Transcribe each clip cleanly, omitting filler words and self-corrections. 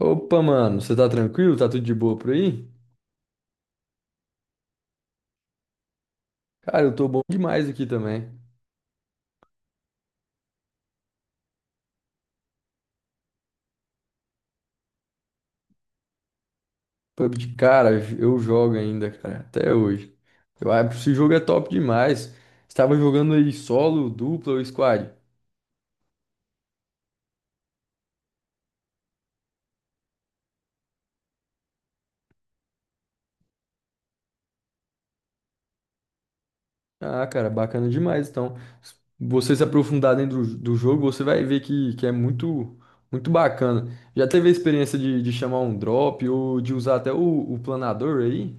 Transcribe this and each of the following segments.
Opa, mano, você tá tranquilo? Tá tudo de boa por aí? Cara, eu tô bom demais aqui também. PUBG, cara, eu jogo ainda, cara, até hoje. Eu acho que esse jogo é top demais. Estava jogando aí solo, dupla ou squad? Ah, cara, bacana demais. Então, se você se aprofundar dentro do jogo, você vai ver que é muito, muito bacana. Já teve a experiência de chamar um drop ou de usar até o planador aí?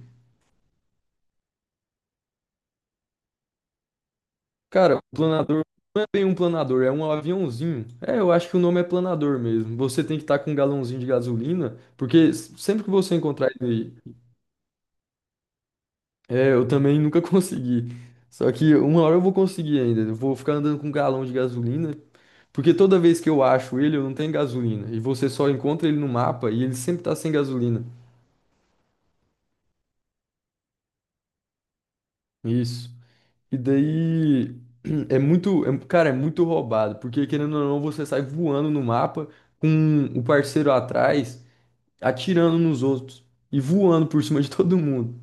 Cara, o planador não é bem um planador, é um aviãozinho. É, eu acho que o nome é planador mesmo. Você tem que estar com um galãozinho de gasolina, porque sempre que você encontrar ele, é, eu também nunca consegui. Só que uma hora eu vou conseguir ainda. Eu vou ficar andando com um galão de gasolina, porque toda vez que eu acho ele, eu não tenho gasolina. E você só encontra ele no mapa e ele sempre tá sem gasolina. Isso. E daí é muito, cara, é muito roubado, porque querendo ou não, você sai voando no mapa com o parceiro atrás, atirando nos outros e voando por cima de todo mundo.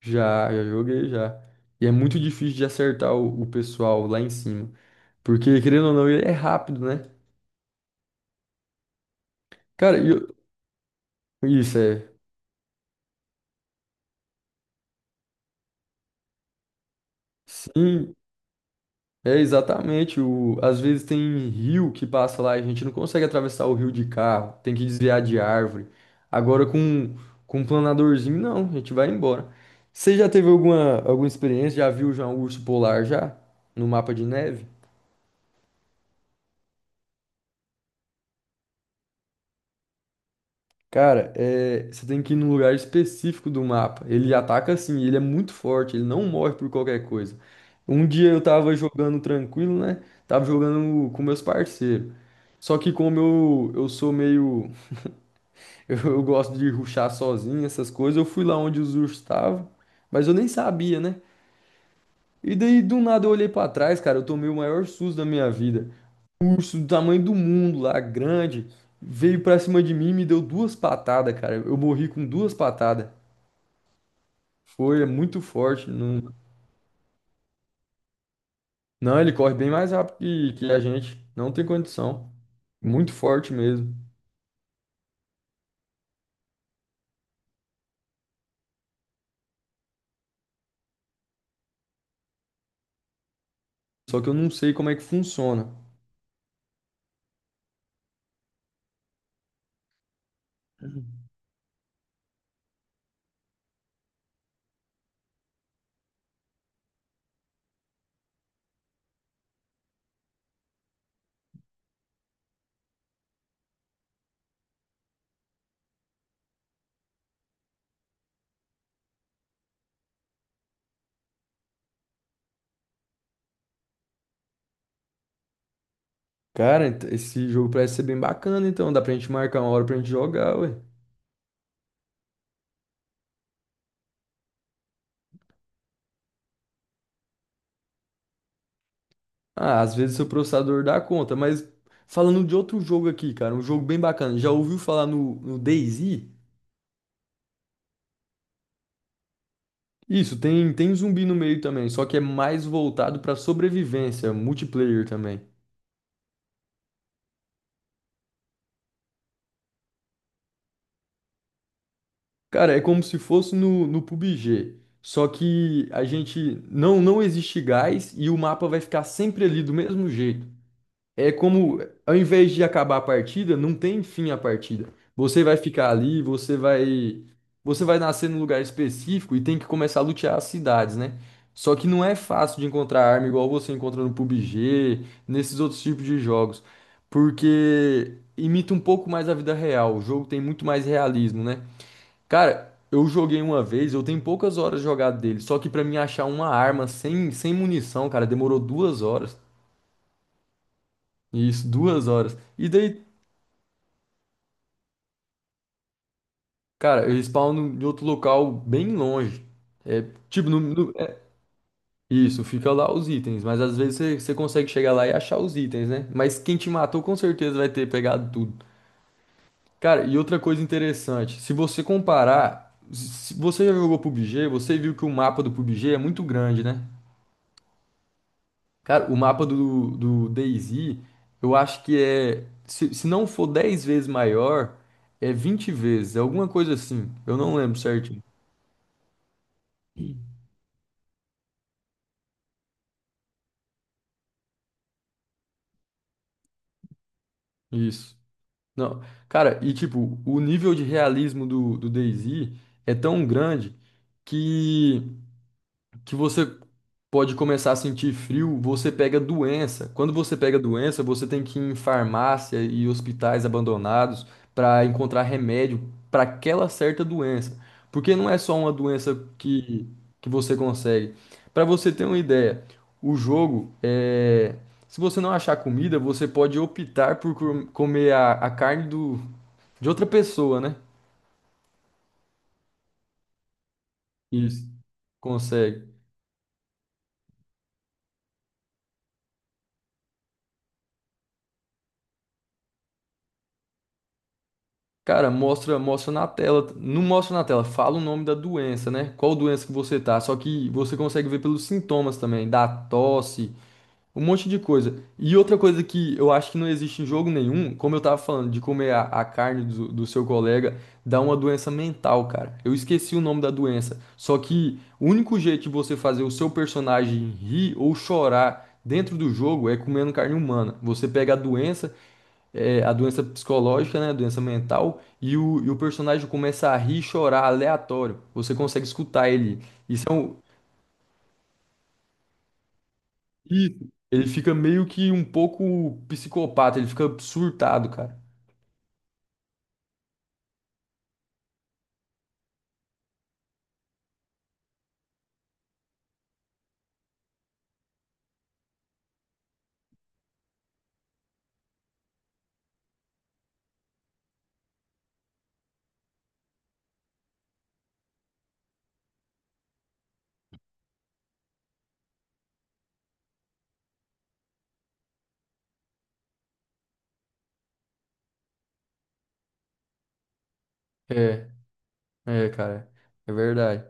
Já joguei já. E é muito difícil de acertar o pessoal lá em cima. Porque, querendo ou não, ele é rápido, né? Cara, isso é. Sim, é exatamente. Às vezes tem rio que passa lá e a gente não consegue atravessar o rio de carro, tem que desviar de árvore. Agora com um planadorzinho, não, a gente vai embora. Você já teve alguma experiência? Já viu já um urso polar já? No mapa de neve? Cara, você tem que ir num lugar específico do mapa. Ele ataca assim, ele é muito forte, ele não morre por qualquer coisa. Um dia eu tava jogando tranquilo, né? Tava jogando com meus parceiros. Só que como eu sou meio. Eu gosto de rushar sozinho, essas coisas, eu fui lá onde os ursos estavam, mas eu nem sabia, né? E daí do nada eu olhei pra trás, cara, eu tomei o maior susto da minha vida. Um urso do tamanho do mundo lá, grande, veio pra cima de mim e me deu duas patadas, cara. Eu morri com duas patadas. Foi, é muito forte. Não, não, ele corre bem mais rápido que a gente. Não tem condição. Muito forte mesmo. Só que eu não sei como é que funciona. Cara, esse jogo parece ser bem bacana, então dá pra gente marcar uma hora pra gente jogar, ué. Ah, às vezes seu processador dá conta, mas falando de outro jogo aqui, cara, um jogo bem bacana. Já ouviu falar no DayZ? Isso, tem zumbi no meio também, só que é mais voltado pra sobrevivência, multiplayer também. Cara, é como se fosse no PUBG, só que a gente não existe gás e o mapa vai ficar sempre ali do mesmo jeito. É como, ao invés de acabar a partida, não tem fim a partida. Você vai ficar ali, você vai nascer num lugar específico e tem que começar a lutear as cidades, né? Só que não é fácil de encontrar arma igual você encontra no PUBG, nesses outros tipos de jogos, porque imita um pouco mais a vida real. O jogo tem muito mais realismo, né? Cara, eu joguei uma vez, eu tenho poucas horas jogadas dele, só que pra mim achar uma arma sem munição, cara, demorou duas horas. Isso, duas horas. E daí cara, eles spawnam em outro local bem longe. É, tipo, é, isso, fica lá os itens, mas às vezes você consegue chegar lá e achar os itens, né? Mas quem te matou com certeza vai ter pegado tudo. Cara, e outra coisa interessante, se você comparar, se você já jogou PUBG, você viu que o mapa do PUBG é muito grande, né? Cara, o mapa do DayZ, eu acho que é, se não for 10 vezes maior, é 20 vezes, é alguma coisa assim. Eu não lembro certinho. Isso. Não, cara, e tipo, o nível de realismo do DayZ é tão grande que que você pode começar a sentir frio, você pega doença. Quando você pega doença, você tem que ir em farmácia e hospitais abandonados para encontrar remédio para aquela certa doença. Porque não é só uma doença que você consegue. Para você ter uma ideia, o jogo é. Se você não achar comida, você pode optar por comer a carne de outra pessoa, né? Isso. Consegue. Cara, mostra, mostra na tela. Não mostra na tela, fala o nome da doença, né? Qual doença que você tá. Só que você consegue ver pelos sintomas também, da tosse, um monte de coisa. E outra coisa que eu acho que não existe em jogo nenhum, como eu tava falando, de comer a carne do seu colega, dá uma doença mental, cara. Eu esqueci o nome da doença. Só que o único jeito de você fazer o seu personagem rir ou chorar dentro do jogo é comendo carne humana. Você pega a doença é, a doença psicológica, né, a doença mental, e o personagem começa a rir e chorar aleatório. Você consegue escutar ele. Isso é isso. Ele fica meio que um pouco psicopata, ele fica surtado, cara. É, é, cara, é verdade.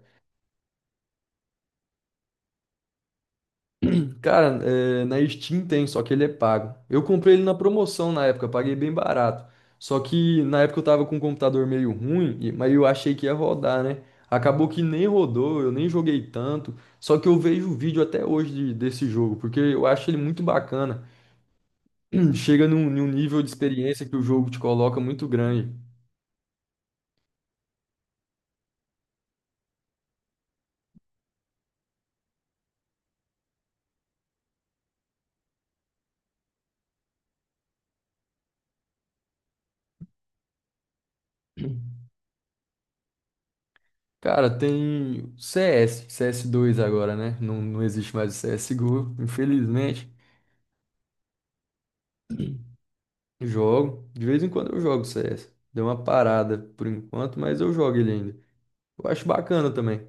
Cara, na Steam tem, só que ele é pago. Eu comprei ele na promoção na época, paguei bem barato. Só que na época eu tava com um computador meio ruim, mas eu achei que ia rodar, né? Acabou que nem rodou, eu nem joguei tanto. Só que eu vejo o vídeo até hoje desse jogo, porque eu acho ele muito bacana. Chega num nível de experiência que o jogo te coloca muito grande. Cara, tem CS, CS2 agora, né? Não, não existe mais o CSGO, infelizmente. Jogo. De vez em quando eu jogo CS. Deu uma parada por enquanto, mas eu jogo ele ainda. Eu acho bacana também.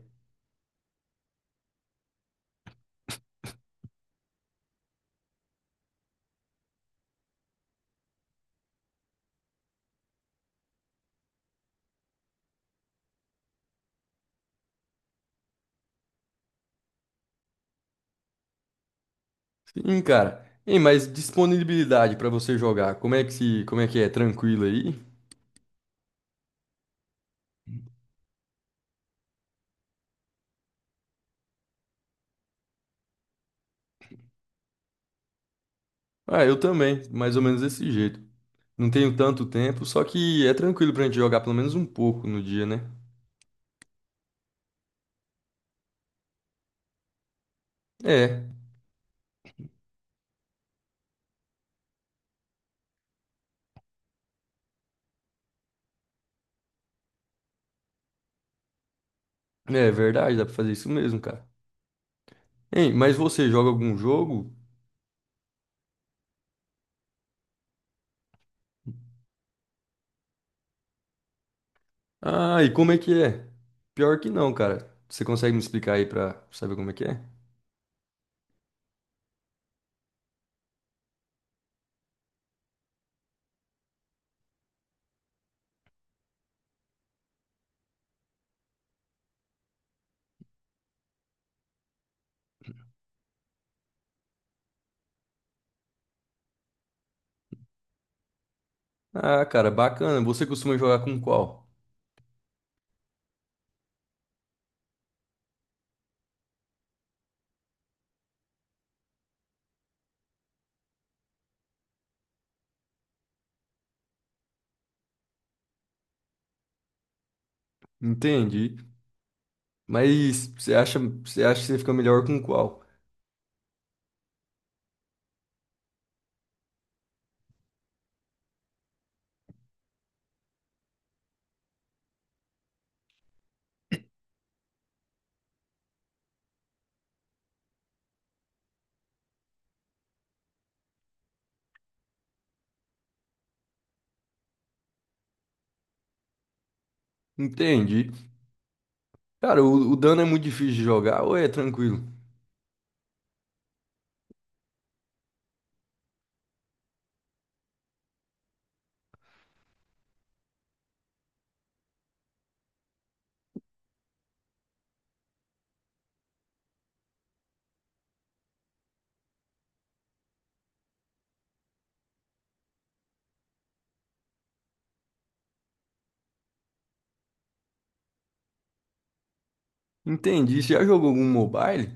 Sim, cara. Ei, mas disponibilidade pra você jogar, como é que se, como é que é? Tranquilo aí? Ah, eu também, mais ou menos desse jeito. Não tenho tanto tempo, só que é tranquilo pra gente jogar pelo menos um pouco no dia, né? É, é, verdade, dá pra fazer isso mesmo, cara. Hein, mas você joga algum jogo? Ah, e como é que é? Pior que não, cara. Você consegue me explicar aí pra saber como é que é? Ah, cara, bacana. Você costuma jogar com qual? Entendi. Mas você acha que você fica melhor com qual? Entendi. Cara, o dano é muito difícil de jogar ou é tranquilo? Entendi. Você já jogou algum mobile?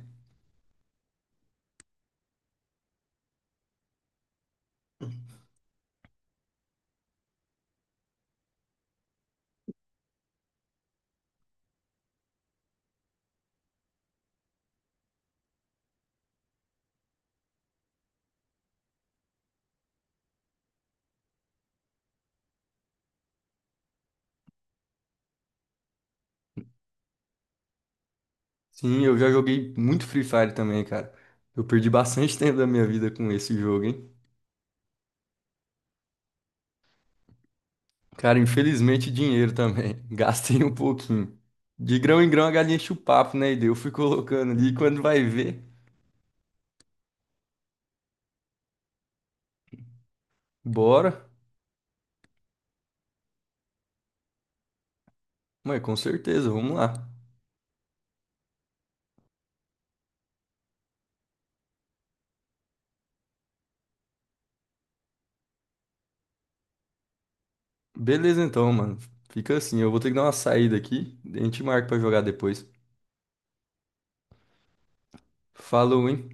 Sim, eu já joguei muito Free Fire também, cara. Eu perdi bastante tempo da minha vida com esse jogo, hein? Cara, infelizmente dinheiro também. Gastei um pouquinho. De grão em grão a galinha enche o papo, né? E daí eu fui colocando ali. Quando vai ver, bora. Mas com certeza, vamos lá. Beleza então, mano. Fica assim, eu vou ter que dar uma saída aqui. A gente marca pra jogar depois. Falou, hein?